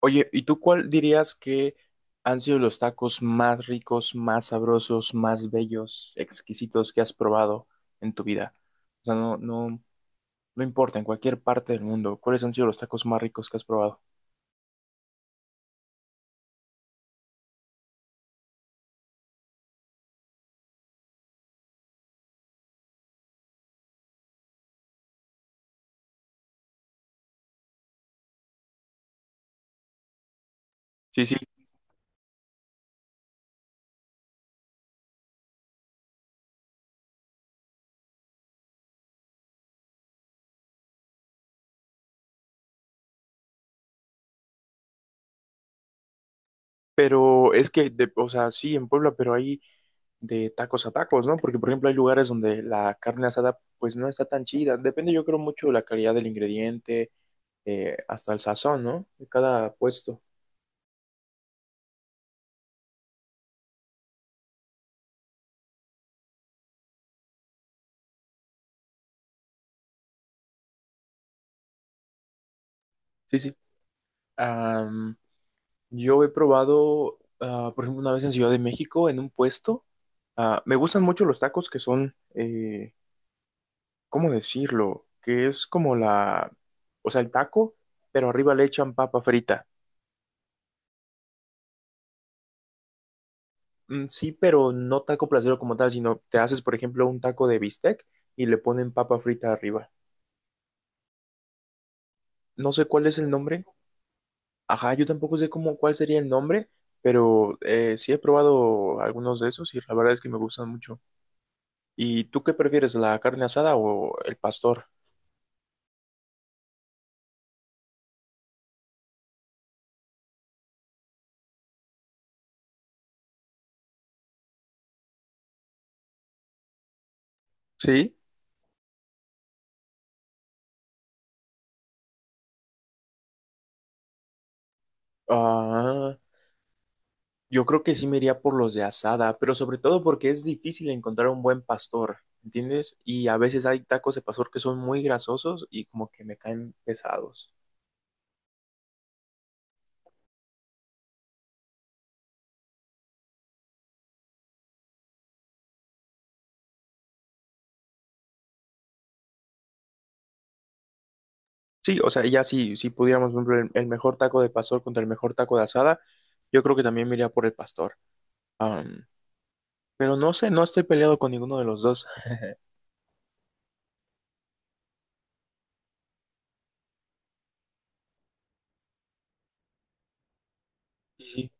Oye, ¿y tú cuál dirías que han sido los tacos más ricos, más sabrosos, más bellos, exquisitos que has probado en tu vida? O sea, no, no, no importa, en cualquier parte del mundo, ¿cuáles han sido los tacos más ricos que has probado? Sí, sí, pero es que, o sea, sí, en Puebla, pero hay de tacos a tacos, ¿no? Porque, por ejemplo, hay lugares donde la carne asada, pues no está tan chida. Depende, yo creo, mucho de la calidad del ingrediente, hasta el sazón, ¿no? De cada puesto. Sí, sí. Yo he probado, por ejemplo, una vez en Ciudad de México, en un puesto. Me gustan mucho los tacos que son, ¿cómo decirlo? Que es como la, o sea, el taco, pero arriba le echan papa frita. Mm, sí, pero no taco placero como tal, sino te haces, por ejemplo, un taco de bistec y le ponen papa frita arriba. No sé cuál es el nombre. Ajá, yo tampoco sé cómo, cuál sería el nombre, pero sí he probado algunos de esos y la verdad es que me gustan mucho. ¿Y tú qué prefieres, la carne asada o el pastor? Sí. Ah, yo creo que sí me iría por los de asada, pero sobre todo porque es difícil encontrar un buen pastor, ¿entiendes? Y a veces hay tacos de pastor que son muy grasosos y como que me caen pesados. Sí, o sea, ya sí, si pudiéramos, por ejemplo, el mejor taco de pastor contra el mejor taco de asada, yo creo que también me iría por el pastor. Am, pero no sé, no estoy peleado con ninguno de los dos. Sí.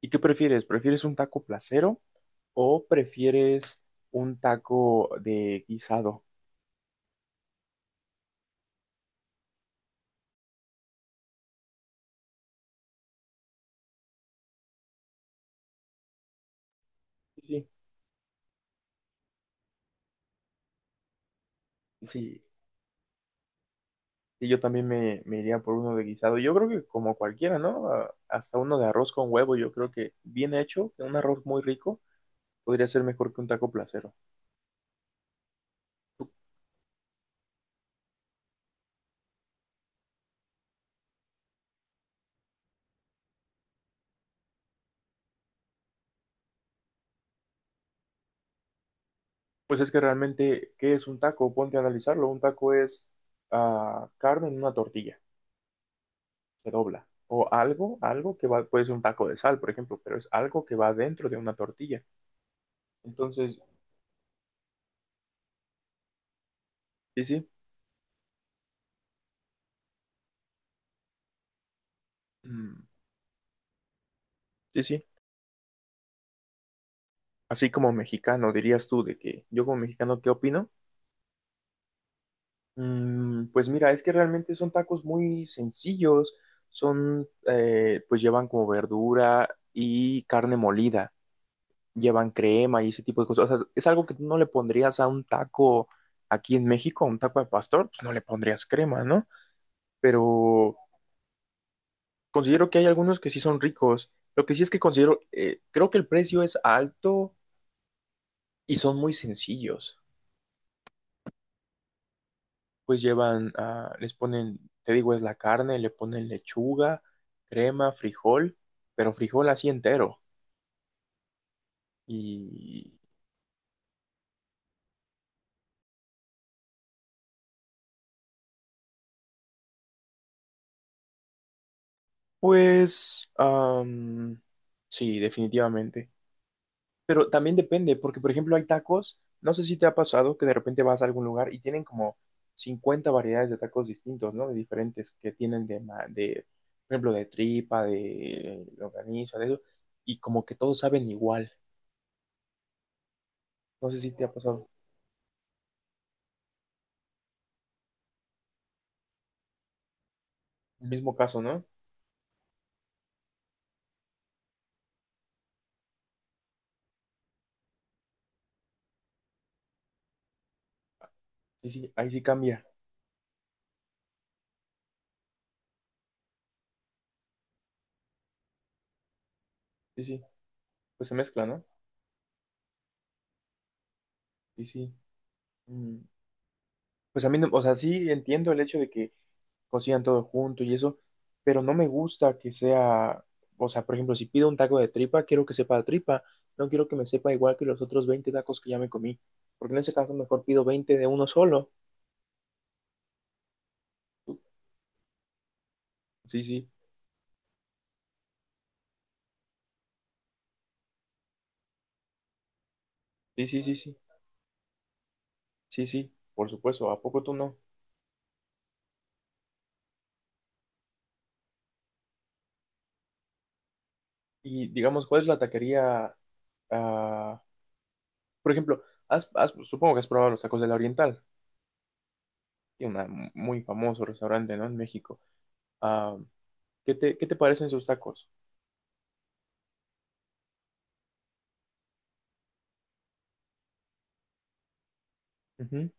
¿Y qué prefieres? ¿Prefieres un taco placero? ¿O prefieres un taco de guisado? Sí, sí, sí, yo también me iría por uno de guisado. Yo creo que como cualquiera, ¿no? Hasta uno de arroz con huevo, yo creo que bien hecho, que un arroz muy rico, podría ser mejor que un taco placero. Pues es que realmente, ¿qué es un taco? Ponte a analizarlo. Un taco es carne en una tortilla, se dobla. O algo, algo que va, puede ser un taco de sal, por ejemplo, pero es algo que va dentro de una tortilla. Entonces, sí, sí. Mm, sí, sí. Así como mexicano, dirías tú de que yo como mexicano, ¿qué opino? Mm, pues mira, es que realmente son tacos muy sencillos, son, pues llevan como verdura y carne molida, llevan crema y ese tipo de cosas. O sea, es algo que tú no le pondrías a un taco aquí en México, a un taco de pastor, pues no le pondrías crema, ¿no? Pero considero que hay algunos que sí son ricos. Lo que sí es que considero, creo que el precio es alto y son muy sencillos. Pues llevan, les ponen, te digo, es la carne, le ponen lechuga, crema, frijol, pero frijol así entero. Y pues, sí, definitivamente. Pero también depende, porque por ejemplo hay tacos, no sé si te ha pasado que de repente vas a algún lugar y tienen como 50 variedades de tacos distintos, ¿no? De diferentes que tienen de, por ejemplo, de tripa, de longaniza, de eso, y como que todos saben igual. No sé si te ha pasado. El mismo caso, ¿no? Sí, sí, ahí sí cambia. Sí, sí, pues se mezcla, ¿no? Sí, sí. Mm, pues a mí, o sea, sí entiendo el hecho de que cocinan todo junto y eso, pero no me gusta que sea, o sea, por ejemplo, si pido un taco de tripa, quiero que sepa de tripa, no quiero que me sepa igual que los otros 20 tacos que ya me comí, porque en ese caso mejor pido 20 de uno solo. Sí, sí, sí, sí, sí, sí, sí, sí, por supuesto, ¿a poco tú no? Y digamos, ¿cuál es la taquería? ah, por ejemplo, supongo que has probado los tacos de la Oriental. Y un muy famoso restaurante, ¿no? En México. Ah, ¿qué te parecen sus tacos? Ujú,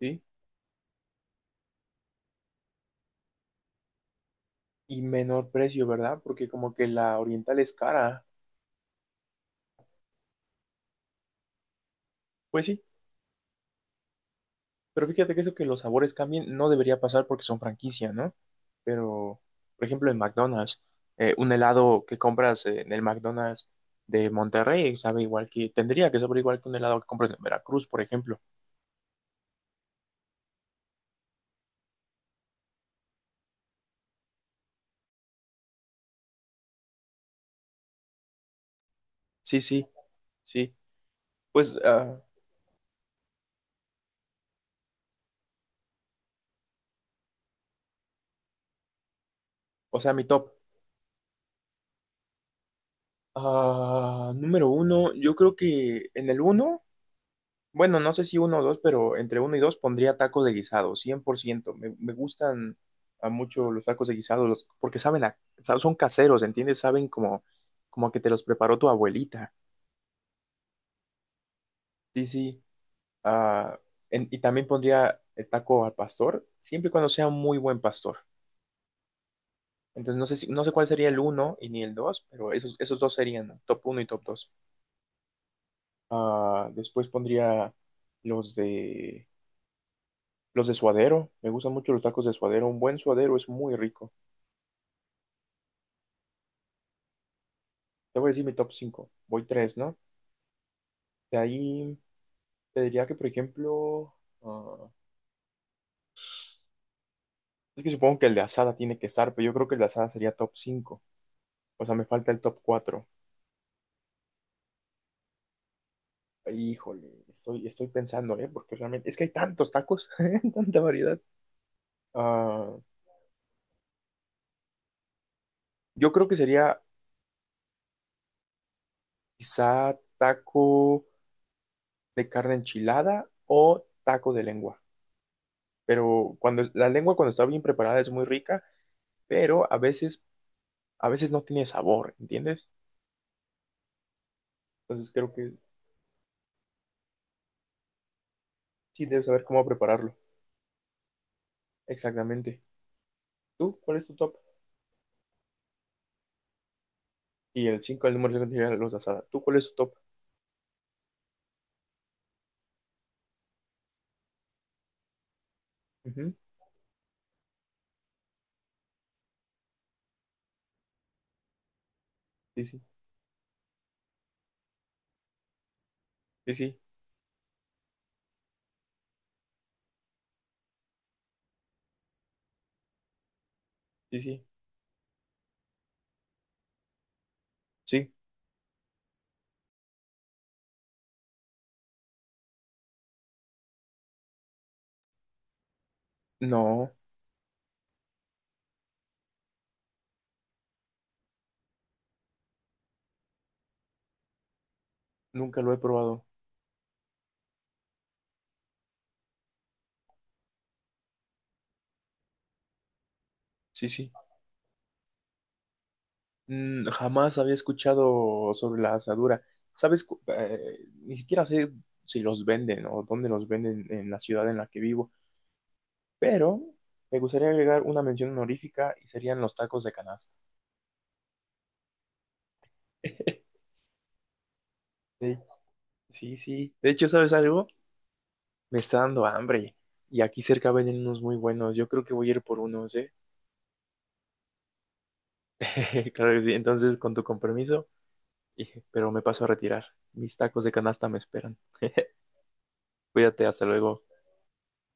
sí. Y menor precio, ¿verdad? Porque como que la oriental es cara. Pues sí, pero fíjate que eso que los sabores cambien no debería pasar porque son franquicia, ¿no? Pero, por ejemplo, en McDonald's, un helado que compras en el McDonald's de Monterrey sabe igual que, tendría que saber igual que un helado que compras en Veracruz, por ejemplo. Sí, sí, sí. Pues, o sea, mi top. Número uno, yo creo que en el uno, bueno, no sé si uno o dos, pero entre uno y dos pondría tacos de guisado, 100%. Me gustan a mucho los tacos de guisado, porque saben, son caseros, ¿entiendes? Saben como, como que te los preparó tu abuelita. Sí, sí. Ah, y también pondría el taco al pastor, siempre y cuando sea un muy buen pastor. Entonces, no sé si, no sé cuál sería el uno y ni el dos, pero esos, dos serían, ¿no? Top uno y top dos. Después pondría los de... Los de suadero, me gustan mucho los tacos de suadero. Un buen suadero es muy rico. Te voy a decir mi top cinco. Voy tres, ¿no? De ahí te diría que, por ejemplo, ah, es que supongo que el de asada tiene que estar, pero yo creo que el de asada sería top cinco. O sea, me falta el top 4. Híjole, estoy pensando, ¿eh? Porque realmente es que hay tantos tacos, tanta variedad. Ah, yo creo que sería quizá taco de carne enchilada o taco de lengua. Pero cuando la lengua cuando está bien preparada es muy rica pero a veces no tiene sabor, ¿entiendes? Entonces creo que sí debes saber cómo prepararlo. Exactamente. ¿Tú cuál es tu top? Y el cinco, el número 5 sería la luz asada. ¿Tú cuál es tu top? Ujú, sí, sí, sí, sí, sí, sí, sí. No, nunca lo he probado. Sí, sí. Mm, jamás había escuchado sobre la asadura. ¿Sabes? Ni siquiera sé si los venden o dónde los venden en la ciudad en la que vivo, pero me gustaría agregar una mención honorífica y serían los tacos de canasta. Sí, sí. De hecho, ¿sabes algo? Me está dando hambre. Y aquí cerca venden unos muy buenos. Yo creo que voy a ir por unos, ¿eh? Claro que sí. Entonces, con tu compromiso, pero me paso a retirar. Mis tacos de canasta me esperan. Cuídate, hasta luego.